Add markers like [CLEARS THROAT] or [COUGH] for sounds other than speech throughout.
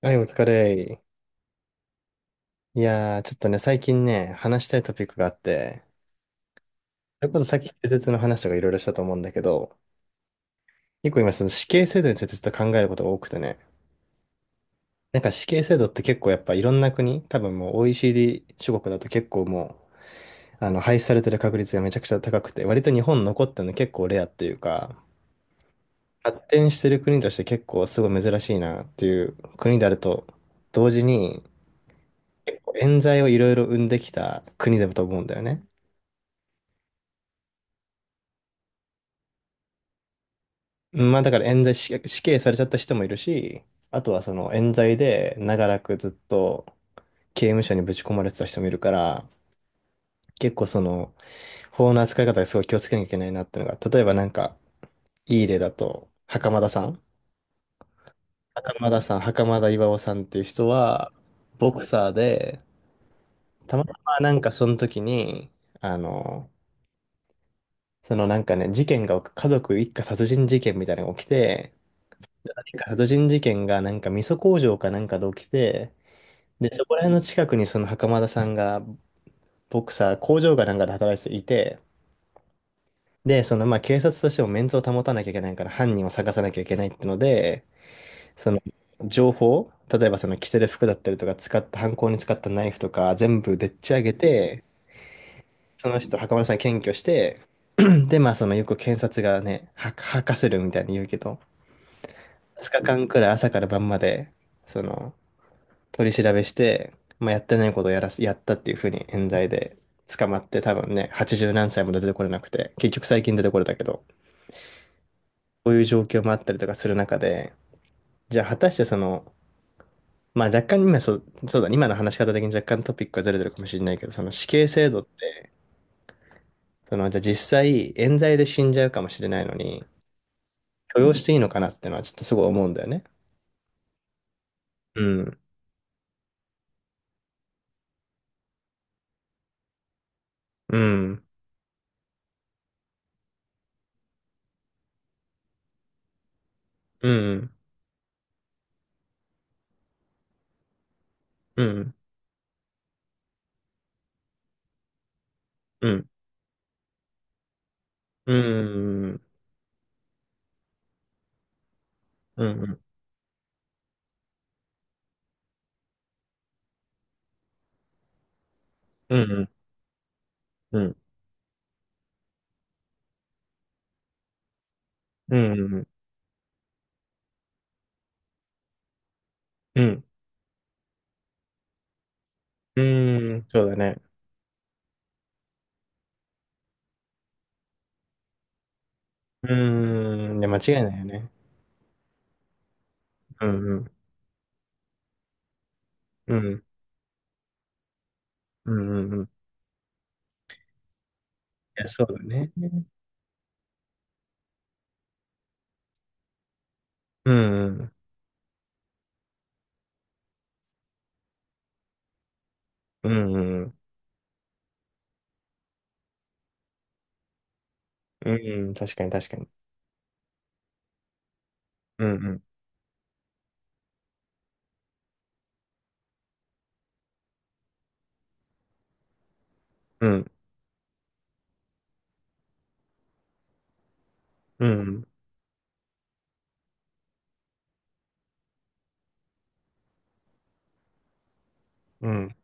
はい、お疲れ。いやー、ちょっとね、最近ね、話したいトピックがあって、それこそさっき、施設の話とかいろいろしたと思うんだけど、結構今、その死刑制度についてちょっと考えることが多くてね、なんか死刑制度って結構やっぱいろんな国、多分もう OECD 諸国だと結構もう、廃止されてる確率がめちゃくちゃ高くて、割と日本残ってるの結構レアっていうか、発展してる国として結構すごい珍しいなっていう国であると、同時に、結構冤罪をいろいろ生んできた国だと思うんだよね。まあだから冤罪死刑されちゃった人もいるし、あとはその冤罪で長らくずっと刑務所にぶち込まれてた人もいるから、結構その法の扱い方がすごい気をつけなきゃいけないなっていうのが、例えばなんかいい例だと、袴田さん。袴田巌さんっていう人は、ボクサーで、たまたまなんかその時に、あの、そのなんかね、事件が、家族一家殺人事件みたいなのが起きて、殺人事件がなんか味噌工場かなんかで起きて、で、そこら辺の近くにその袴田さんが、ボクサー、工場かなんかで働いていて、で、そのまあ警察としてもメンツを保たなきゃいけないから犯人を探さなきゃいけないってので、その情報、例えばその着せる服だったりとか使った、犯行に使ったナイフとか全部でっち上げて、その人、袴田さん検挙して、[CLEARS THROAT] で、まあそのよく検察がね、吐かせるみたいに言うけど、2日間くらい朝から晩まで、その、取り調べして、まあやってないことをやらせやったっていうふうに冤罪で捕まって、多分ね、八十何歳も出てこれなくて、結局最近出てこれたけど、こういう状況もあったりとかする中で、じゃあ果たしてその、まあ若干今そそうだ今の話し方的に若干トピックがズレてるかもしれないけど、その死刑制度ってその実際冤罪で死んじゃうかもしれないのに許容していいのかなってのはちょっとすごい思うんだよね。うんうんうんうんうんうんうんうんうんうんうんうんうん。うん。うーん、そうだね。うーん、いや、間違いないよね。うん、うん、うん、うん、うんうん。いや、そうだね。うん、うん、うん、うん、うん、うん確かに、確かに。うん、うん、うん、うん、うん、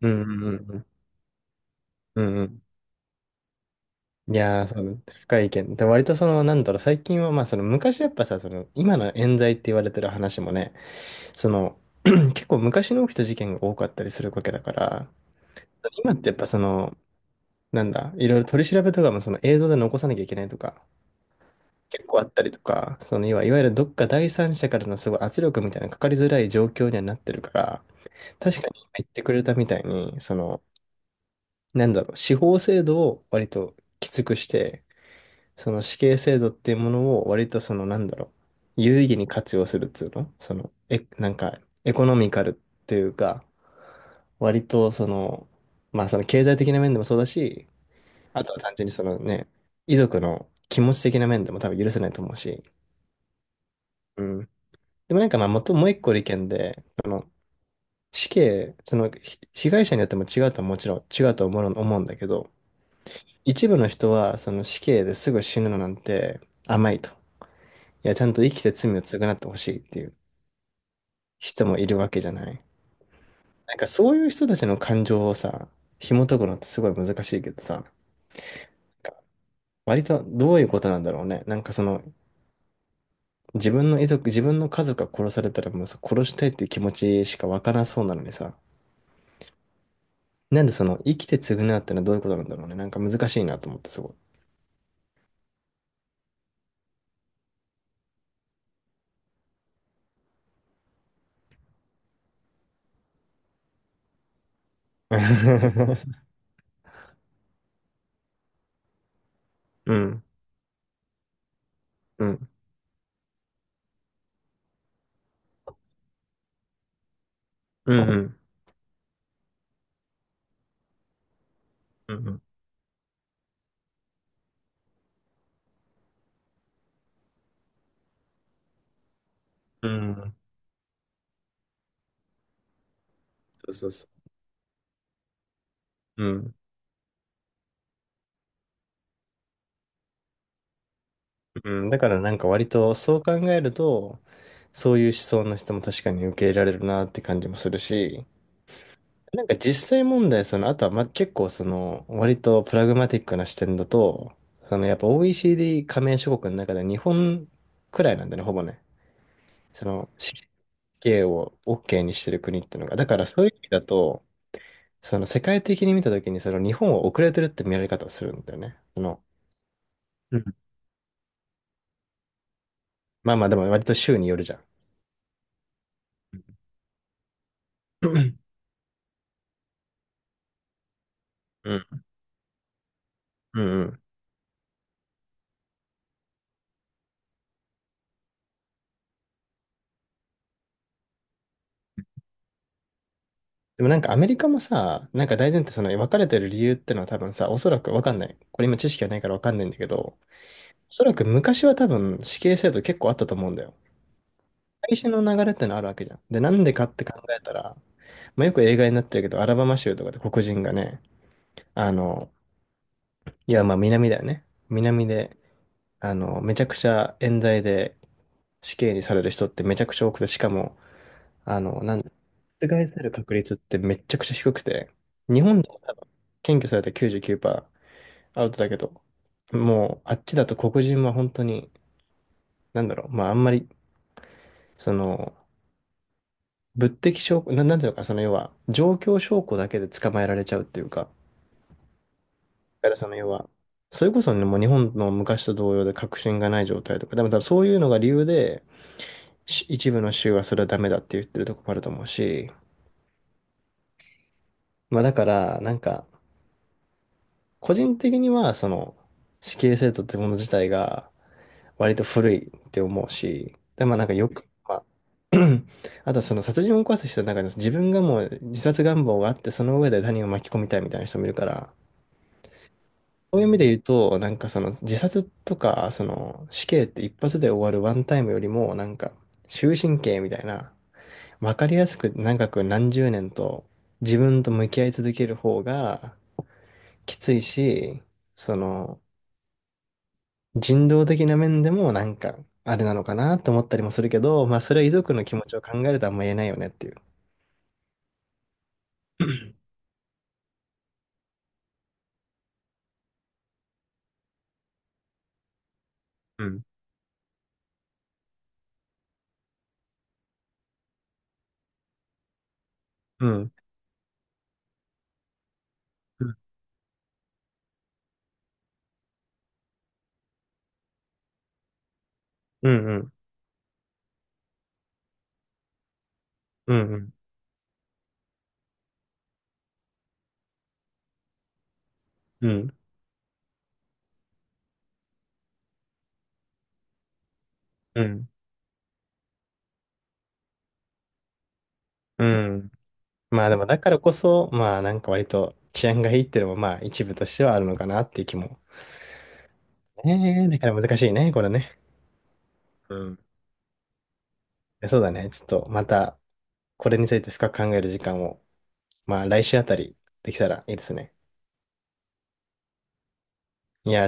うん、うん、うん、うん。うん。いやー、そうだね、深い意見。で、割とその、なんだろう、最近は、まあ、その、昔やっぱさ、その、今の冤罪って言われてる話もね、その、[CLEARS THROAT] 結構昔に起きた事件が多かったりするわけだから、今ってやっぱその、なんだ、いろいろ取り調べとかもその映像で残さなきゃいけないとか、結構あったりとか、その要は、いわゆるどっか第三者からのすごい圧力みたいなのかかりづらい状況にはなってるから、確かに今言ってくれたみたいに、その、なんだろう、司法制度を割ときつくして、その死刑制度っていうものを割とその、なんだろう、有意義に活用するっつうのその、なんか、エコノミカルっていうか、割とその、まあその経済的な面でもそうだし、あとは単純にそのね、遺族の気持ち的な面でも多分許せないと思うし。うん。でもなんかまあ、もう一個の意見で、その死刑、その被害者によっても違うとはもちろん違うと思うんだけど、一部の人はその死刑ですぐ死ぬのなんて甘いと。いや、ちゃんと生きて罪を償ってほしいっていう人もいるわけじゃない。なんかそういう人たちの感情をさ、紐解くのってすごい難しいけどさ、割とどういうことなんだろうね。なんかその自分の家族が殺されたらもうさ殺したいっていう気持ちしかわからなそうなのにさ、なんでその生きて償うってのはどういうことなんだろうね。なんか難しいなと思ってすごい。[LAUGHS] うん、うん、うん、うん、うん、うん、うんそうそうそう。うん、うん。だからなんか割とそう考えると、そういう思想の人も確かに受け入れられるなって感じもするし、なんか実際問題、その、あとは、ま、結構その、割とプラグマティックな視点だと、その、やっぱ OECD 加盟諸国の中で日本くらいなんだね、ほぼね。その、死刑を OK にしてる国っていうのが。だからそういう意味だと、その、世界的に見たときに、その、日本は遅れてるって見られ方をするんだよね。その、うんまあまあ、でも割と州によるじゃん。うん。うんうん。でもなんかアメリカもさ、なんか大前提その別れてる理由ってのは多分さ、おそらくわかんない。これ今知識がないからわかんないんだけど、おそらく昔は多分死刑制度結構あったと思うんだよ。最初の流れってのあるわけじゃん。で、なんでかって考えたら、まあ、よく映画になってるけど、アラバマ州とかで黒人がね、あの、いや、まあ南だよね。南で、めちゃくちゃ冤罪で死刑にされる人ってめちゃくちゃ多くて、しかも、なんだ、覆される確率ってめちゃくちゃ低くて、日本でも多分、検挙された99%アウトだけど、もう、あっちだと黒人は本当に、なんだろう、まああんまり、その、物的証拠、なんていうのかな、その要は、状況証拠だけで捕まえられちゃうっていうか、だからその要は、それこそね、もう日本の昔と同様で確信がない状態とか、でも多分そういうのが理由で、一部の州はそれはダメだって言ってるとこもあると思うし、まあだから、なんか、個人的には、その、死刑制度ってもの自体が、割と古いって思うし、で、まあなんかよく、まあ [CLEARS THROAT] あとはその殺人を犯す人の中に自分がもう自殺願望があってその上で他人を巻き込みたいみたいな人もいるから、そういう意味で言うと、なんかその自殺とか、その死刑って一発で終わるワンタイムよりも、なんか終身刑みたいな、わかりやすく長く何十年と自分と向き合い続ける方がきついし、その人道的な面でもなんかあれなのかなと思ったりもするけど、まあそれは遺族の気持ちを考えるとあんま言えないよねっていう。うん。うん。うん。うん。うん。うん。うん。うん。うん。まあでもだからこそ、まあなんか割と治安がいいっていうのもまあ一部としてはあるのかなっていう気も。ええね。だから難しいね、これね。うん。そうだね。ちょっとまたこれについて深く考える時間を、まあ来週あたりできたらいいですね。いやー